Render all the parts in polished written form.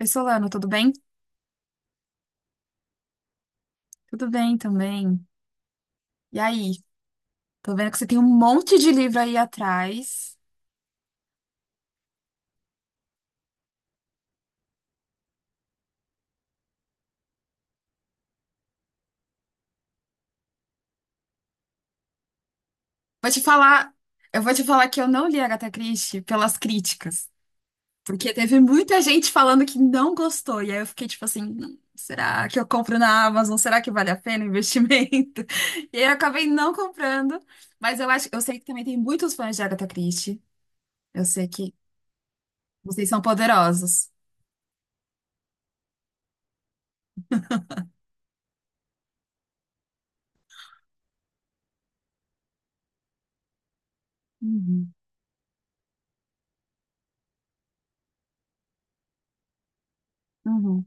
Oi, Solano, tudo bem? Tudo bem também. E aí? Tô vendo que você tem um monte de livro aí atrás. Vou te falar, eu vou te falar que eu não li Agatha Christie pelas críticas, porque teve muita gente falando que não gostou, e aí eu fiquei tipo assim, será que eu compro na Amazon? Será que vale a pena o investimento?" E aí eu acabei não comprando, mas eu acho, eu sei que também tem muitos fãs de Agatha Christie. Eu sei que vocês são poderosos. Uhum, uhum,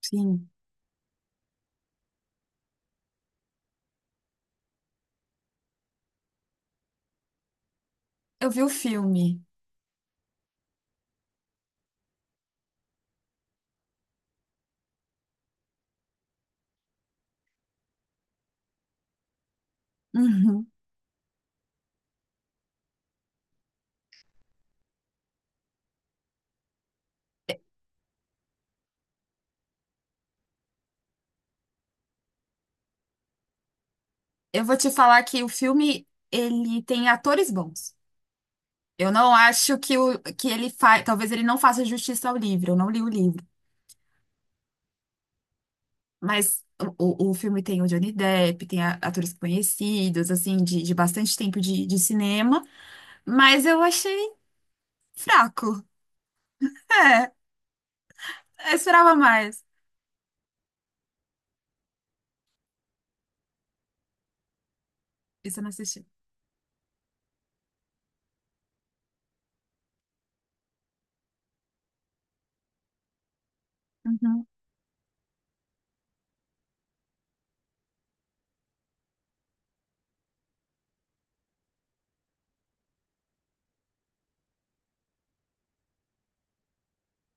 sim. Eu vi o filme. Uhum. Eu vou te falar que o filme, ele tem atores bons. Eu não acho que, que ele faz. Talvez ele não faça justiça ao livro, eu não li o livro. Mas o filme tem o Johnny Depp, tem a- atores conhecidos, assim, de bastante tempo de cinema. Mas eu achei fraco. É, eu esperava mais. Isso eu não assisti. Uhum.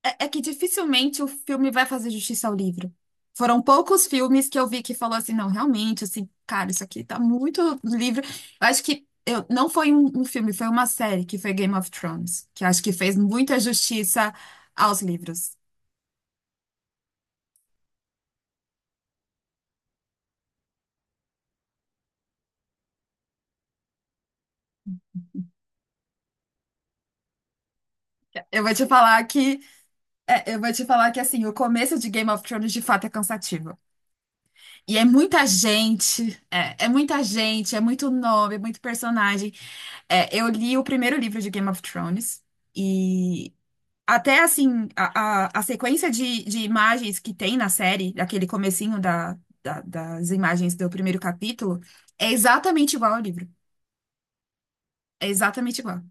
É que dificilmente o filme vai fazer justiça ao livro. Foram poucos filmes que eu vi que falou assim, não, realmente, assim, cara, isso aqui tá muito do livro. Eu acho que eu, não foi um, um filme, foi uma série que foi Game of Thrones, que eu acho que fez muita justiça aos livros. Eu vou te falar que, eu vou te falar que assim, o começo de Game of Thrones de fato é cansativo. E é muita gente, é muita gente, é muito nome, é muito personagem. É, eu li o primeiro livro de Game of Thrones. E até assim, a sequência de imagens que tem na série, daquele comecinho da, da- das imagens do primeiro capítulo, é exatamente igual ao livro. É exatamente igual.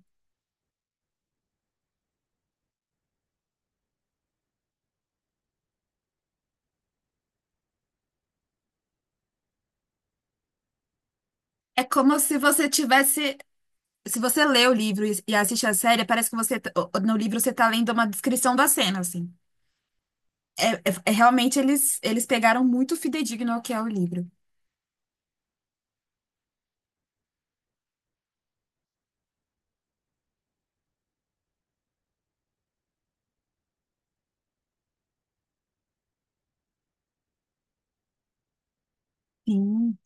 É como se você tivesse. Se você lê o livro e assiste a série, parece que você, t- o- no livro você tá lendo uma descrição da cena, assim. É, é- é realmente eles, eles pegaram muito fidedigno ao que é o livro. Sim.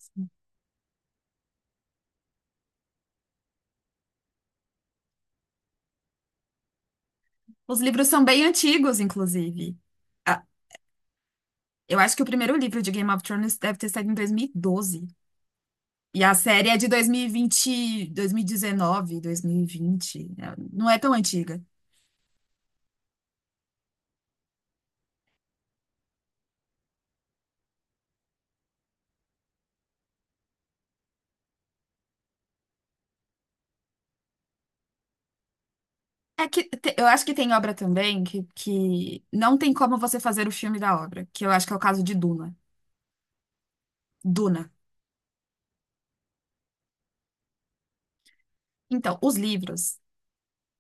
Os livros são bem antigos, inclusive. Ah, eu acho que o primeiro livro de Game of Thrones deve ter saído em dois mil e doze. E a série é de dois mil e vinte, dois mil e dezenove, dois mil e vinte, 2020, 2019, 2020. Né? Não é tão antiga. É que te- eu acho que tem obra também que não tem como você fazer o filme da obra, que eu acho que é o caso de Duna. Duna. Então, os livros,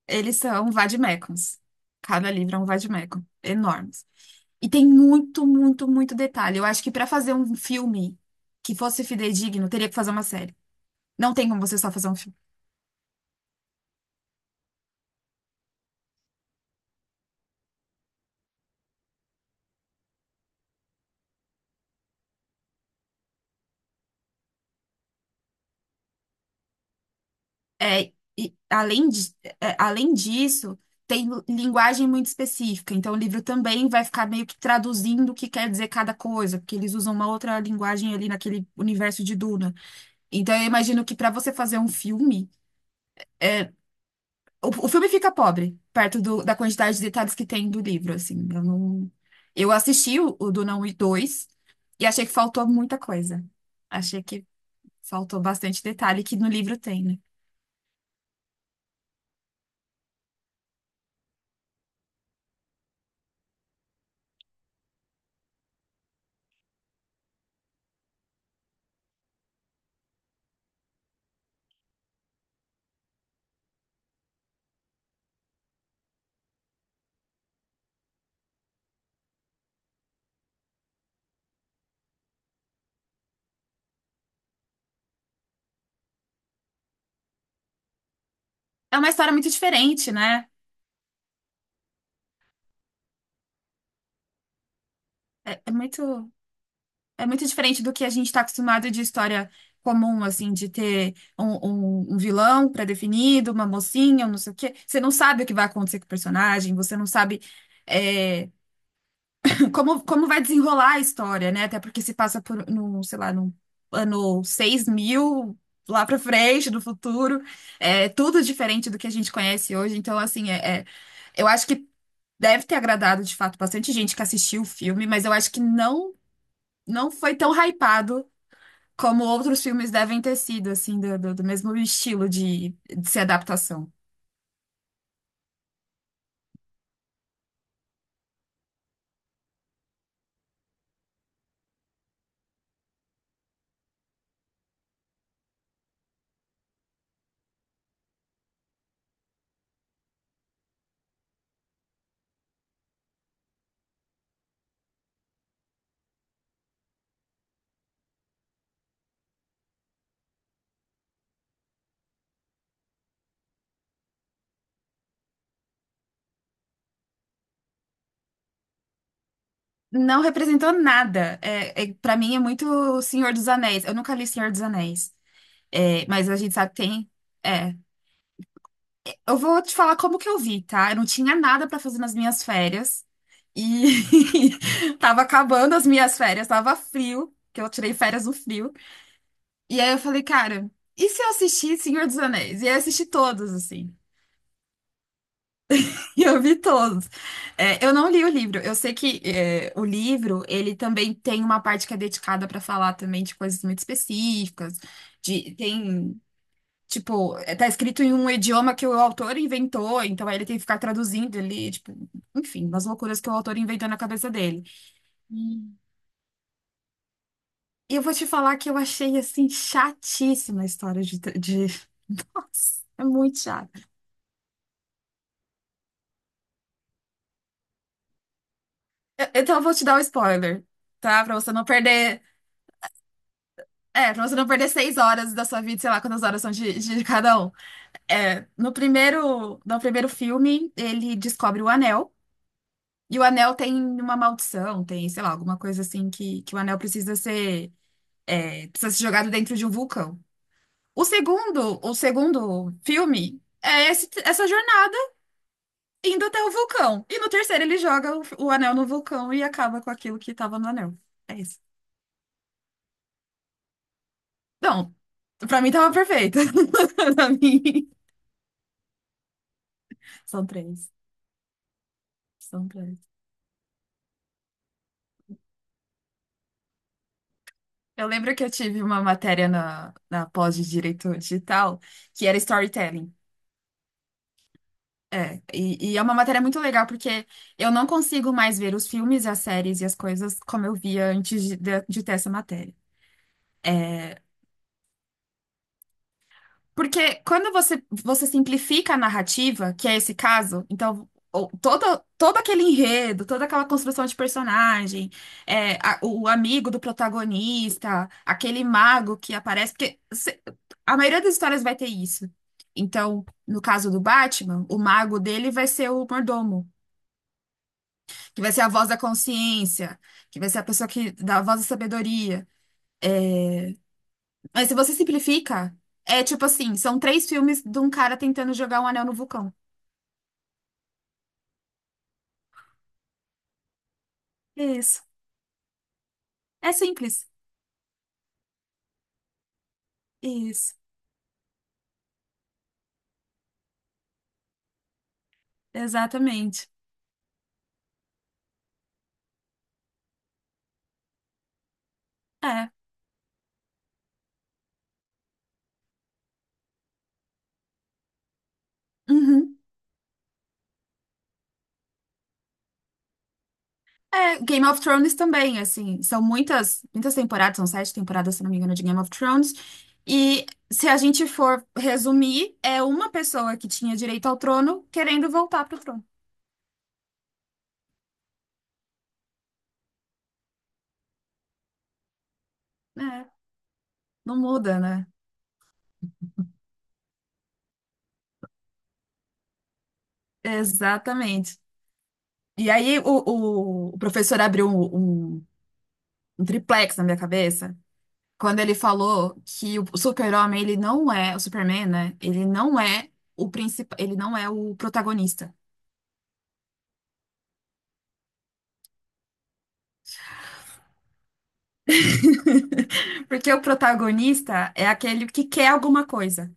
eles são vademecums. Cada livro é um vademecum, enormes. E tem muito, muito, muito detalhe. Eu acho que para fazer um filme que fosse fidedigno, teria que fazer uma série. Não tem como você só fazer um filme. É, e além de, é, além disso, tem linguagem muito específica, então o livro também vai ficar meio que traduzindo o que quer dizer cada coisa, porque eles usam uma outra linguagem ali naquele universo de Duna. Então eu imagino que para você fazer um filme, o filme fica pobre, perto do- da quantidade de detalhes que tem do livro, assim. Eu não, eu assisti o Duna 1 e 2 e achei que faltou muita coisa. Achei que faltou bastante detalhe que no livro tem, né? É uma história muito diferente, né? É, é muito. É muito diferente do que a gente está acostumado de história comum, assim, de ter um vilão pré-definido, uma mocinha, um não sei o quê. Você não sabe o que vai acontecer com o personagem, você não sabe é, como vai desenrolar a história, né? Até porque se passa por, no sei lá, no ano 6 mil, lá pra frente, no futuro. É tudo diferente do que a gente conhece hoje. Então, assim, eu acho que deve ter agradado, de fato, bastante gente que assistiu o filme, mas eu acho que não, não foi tão hypado como outros filmes devem ter sido, assim, do mesmo estilo de ser adaptação. Não representou nada. É, para mim é muito Senhor dos Anéis. Eu nunca li Senhor dos Anéis. É, mas a gente sabe que tem. É. Eu vou te falar como que eu vi, tá? Eu não tinha nada pra fazer nas minhas férias. E tava acabando as minhas férias, tava frio, que eu tirei férias no frio. E aí eu falei, cara, e se eu assistir Senhor dos Anéis? E aí eu assisti todos, assim. Eu vi todos. É, eu não li o livro. Eu sei que o livro ele também tem uma parte que é dedicada para falar também de coisas muito específicas. De tem, tá escrito em um idioma que o autor inventou, então aí ele tem que ficar traduzindo ali, tipo, enfim, umas loucuras que o autor inventou na cabeça dele. Hum. E eu vou te falar que eu achei assim chatíssima a história de... Nossa, é muito chato. Eu- então eu vou te dar um spoiler, tá? Pra você não perder. É, pra você não perder 6 horas da sua vida, sei lá quantas horas são de cada um. É, no primeiro filme, ele descobre o anel. E o anel tem uma maldição, tem, sei lá, alguma coisa assim que o anel precisa ser, precisa ser jogado dentro de um vulcão. O segundo filme é esse- essa jornada indo até o vulcão. E no terceiro ele joga o anel no vulcão e acaba com aquilo que tava no anel. É isso. Não, pra mim tava perfeito. Pra mim, são três. Completo. Eu lembro que eu tive uma matéria na, na pós de Direito Digital que era storytelling. É, é uma matéria muito legal porque eu não consigo mais ver os filmes, as séries e as coisas como eu via antes de, de ter essa matéria. Porque quando você, você simplifica a narrativa, que é esse caso, então o- todo, todo aquele enredo, toda aquela construção de personagem, a- o amigo do protagonista, aquele mago que aparece, porque se- a maioria das histórias vai ter isso. Então, no caso do Batman, o mago dele vai ser o mordomo, que vai ser a voz da consciência, que vai ser a pessoa que dá a voz da sabedoria. É, Mas se você simplifica, é tipo assim, são três filmes de um cara tentando jogar um anel no vulcão. Isso. É simples. Isso. Exatamente. É. Uhum. É, Game of Thrones também, assim, são muitas, muitas temporadas, são 7 temporadas, se não me engano, de Game of Thrones. E se a gente for resumir, é uma pessoa que tinha direito ao trono querendo voltar pro trono. É, não muda, né? Exatamente. E aí o professor abriu um triplex na minha cabeça. Quando ele falou que o Super-Homem, ele não é o Superman, né? Ele não é o principal, ele não é o protagonista. Porque o protagonista é aquele que quer alguma coisa.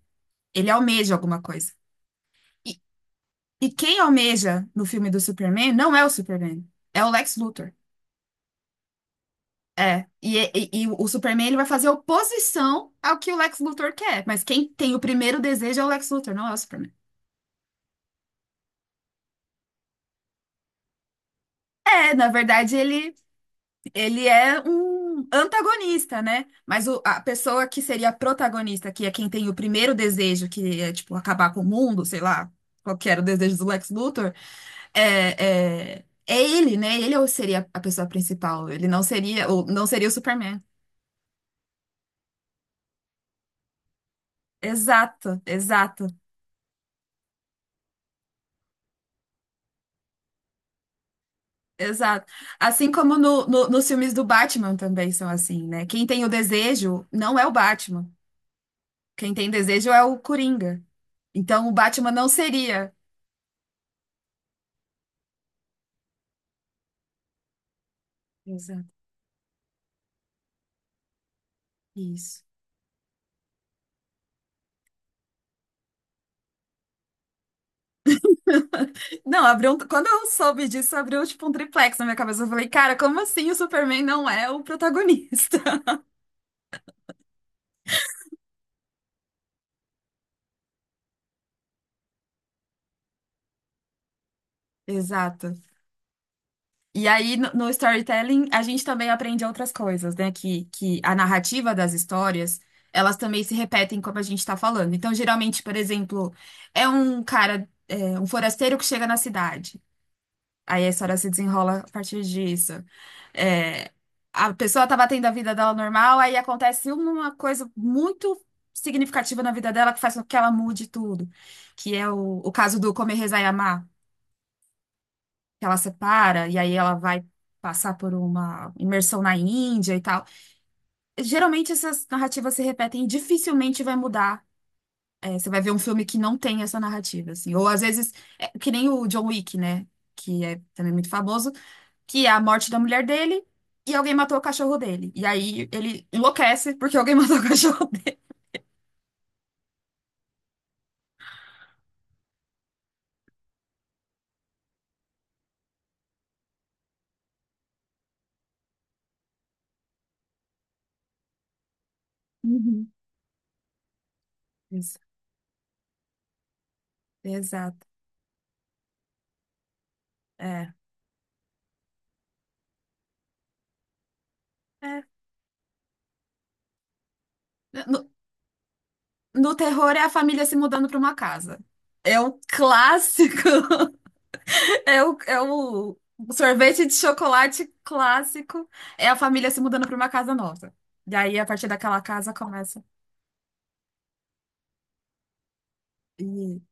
Ele almeja alguma coisa. E, e quem almeja no filme do Superman não é o Superman, é o Lex Luthor. É, e o Superman ele vai fazer oposição ao que o Lex Luthor quer, mas quem tem o primeiro desejo é o Lex Luthor, não é o Superman. É, na verdade, ele. Ele é um antagonista, né? Mas o- a pessoa que seria a protagonista, que é quem tem o primeiro desejo, que é, tipo, acabar com o mundo, sei lá, qual que era o desejo do Lex Luthor, é ele, né? Ele ou seria a pessoa principal. Ele não seria, ou não seria o Superman. Exato, exato, exato. Assim como nos filmes do Batman também são assim, né? Quem tem o desejo não é o Batman. Quem tem desejo é o Coringa. Então o Batman não seria. Exato. Isso. Não, abriu um... Quando eu soube disso, abriu tipo um triplex na minha cabeça. Eu falei, cara, como assim o Superman não é o protagonista? Exato. E aí, no storytelling, a gente também aprende outras coisas, né? Que a narrativa das histórias, elas também se repetem como a gente tá falando. Então, geralmente, por exemplo, é um cara, é, um forasteiro que chega na cidade. Aí a história se desenrola a partir disso. É, a pessoa estava tendo a vida dela normal, aí acontece uma coisa muito significativa na vida dela que faz com que ela mude tudo, que é o caso do Comer, Rezar e Amar, que ela separa e aí ela vai passar por uma imersão na Índia e tal. Geralmente essas narrativas se repetem e dificilmente vai mudar. É, você vai ver um filme que não tem essa narrativa, assim. Ou às vezes, é, que nem o John Wick, né? Que é também muito famoso. Que é a morte da mulher dele e alguém matou o cachorro dele. E aí ele enlouquece porque alguém matou o cachorro dele. Uhum. Ex- exato. É. É. No, no terror é a família se mudando para uma casa. É o clássico. É o sorvete de chocolate clássico. É a família se mudando para uma casa nova. E aí, a partir daquela casa, começa. E...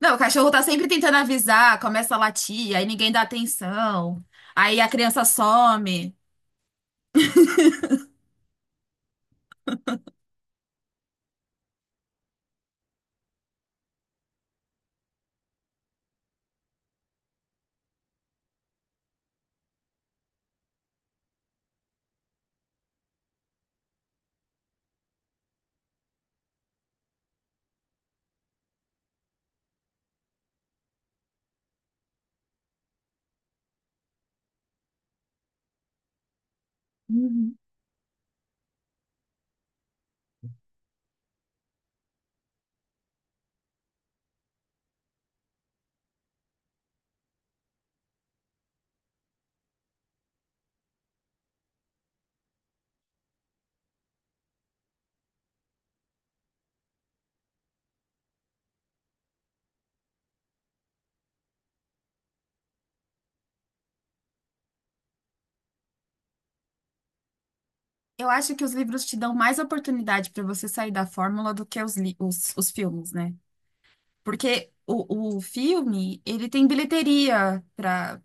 Não, o cachorro tá sempre tentando avisar, começa a latir, aí ninguém dá atenção, aí a criança some. Uhum. Eu acho que os livros te dão mais oportunidade para você sair da fórmula do que os filmes, né? Porque o filme, ele tem bilheteria para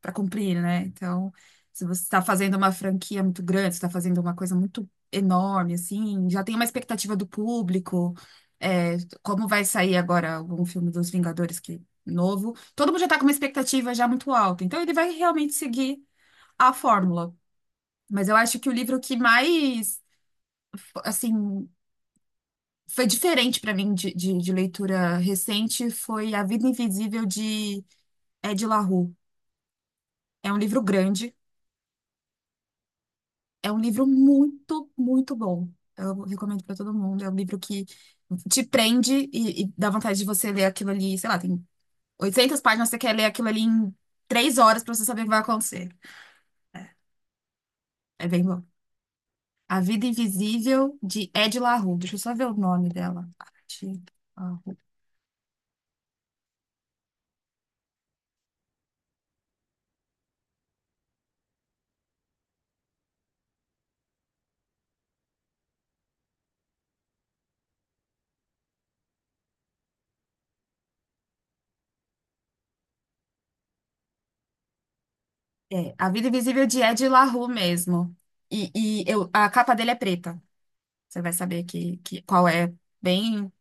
cumprir, né? Então, se você está fazendo uma franquia muito grande, você está fazendo uma coisa muito enorme, assim, já tem uma expectativa do público. É, como vai sair agora um filme dos Vingadores que novo? Todo mundo já está com uma expectativa já muito alta. Então, ele vai realmente seguir a fórmula. Mas eu acho que o livro que mais, assim, foi diferente para mim de, de leitura recente foi A Vida Invisível de Ed La Rue. É um livro grande. É um livro muito, muito bom. Eu recomendo para todo mundo. É um livro que te prende e dá vontade de você ler aquilo ali. Sei lá, tem 800 páginas, você quer ler aquilo ali em 3 horas para você saber o que vai acontecer. É bem bom. A Vida Invisível de Ed La Rue. Deixa eu só ver o nome dela. Ed La Rue. É, A Vida Invisível de Ed La Rue mesmo. E eu, a capa dele é preta. Você vai saber qual é. Bem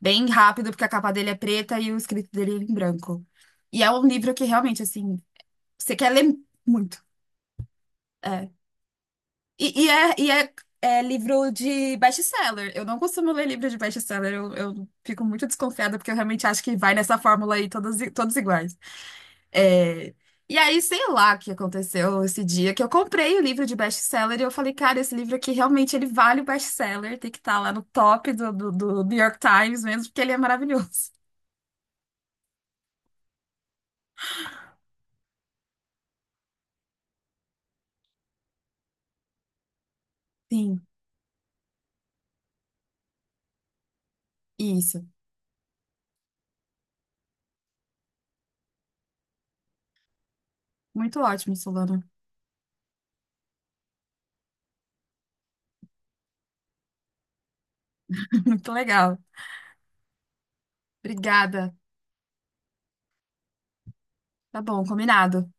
Bem rápido, porque a capa dele é preta e o escrito dele é em branco. E é um livro que realmente, assim, você quer ler muito. É. É, é livro de best-seller. Eu não costumo ler livro de best-seller. Eu fico muito desconfiada, porque eu realmente acho que vai nessa fórmula aí, todos, i- todos iguais. É, e aí, sei lá o que aconteceu esse dia, que eu comprei o livro de best-seller e eu falei, cara, esse livro aqui realmente ele vale o best-seller, tem que estar lá no top do New York Times mesmo, porque ele é maravilhoso. Sim, isso. Muito ótimo, Solano. Muito legal. Obrigada. Tá bom, combinado.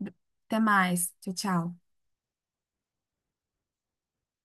Até mais. Tchau, tchau.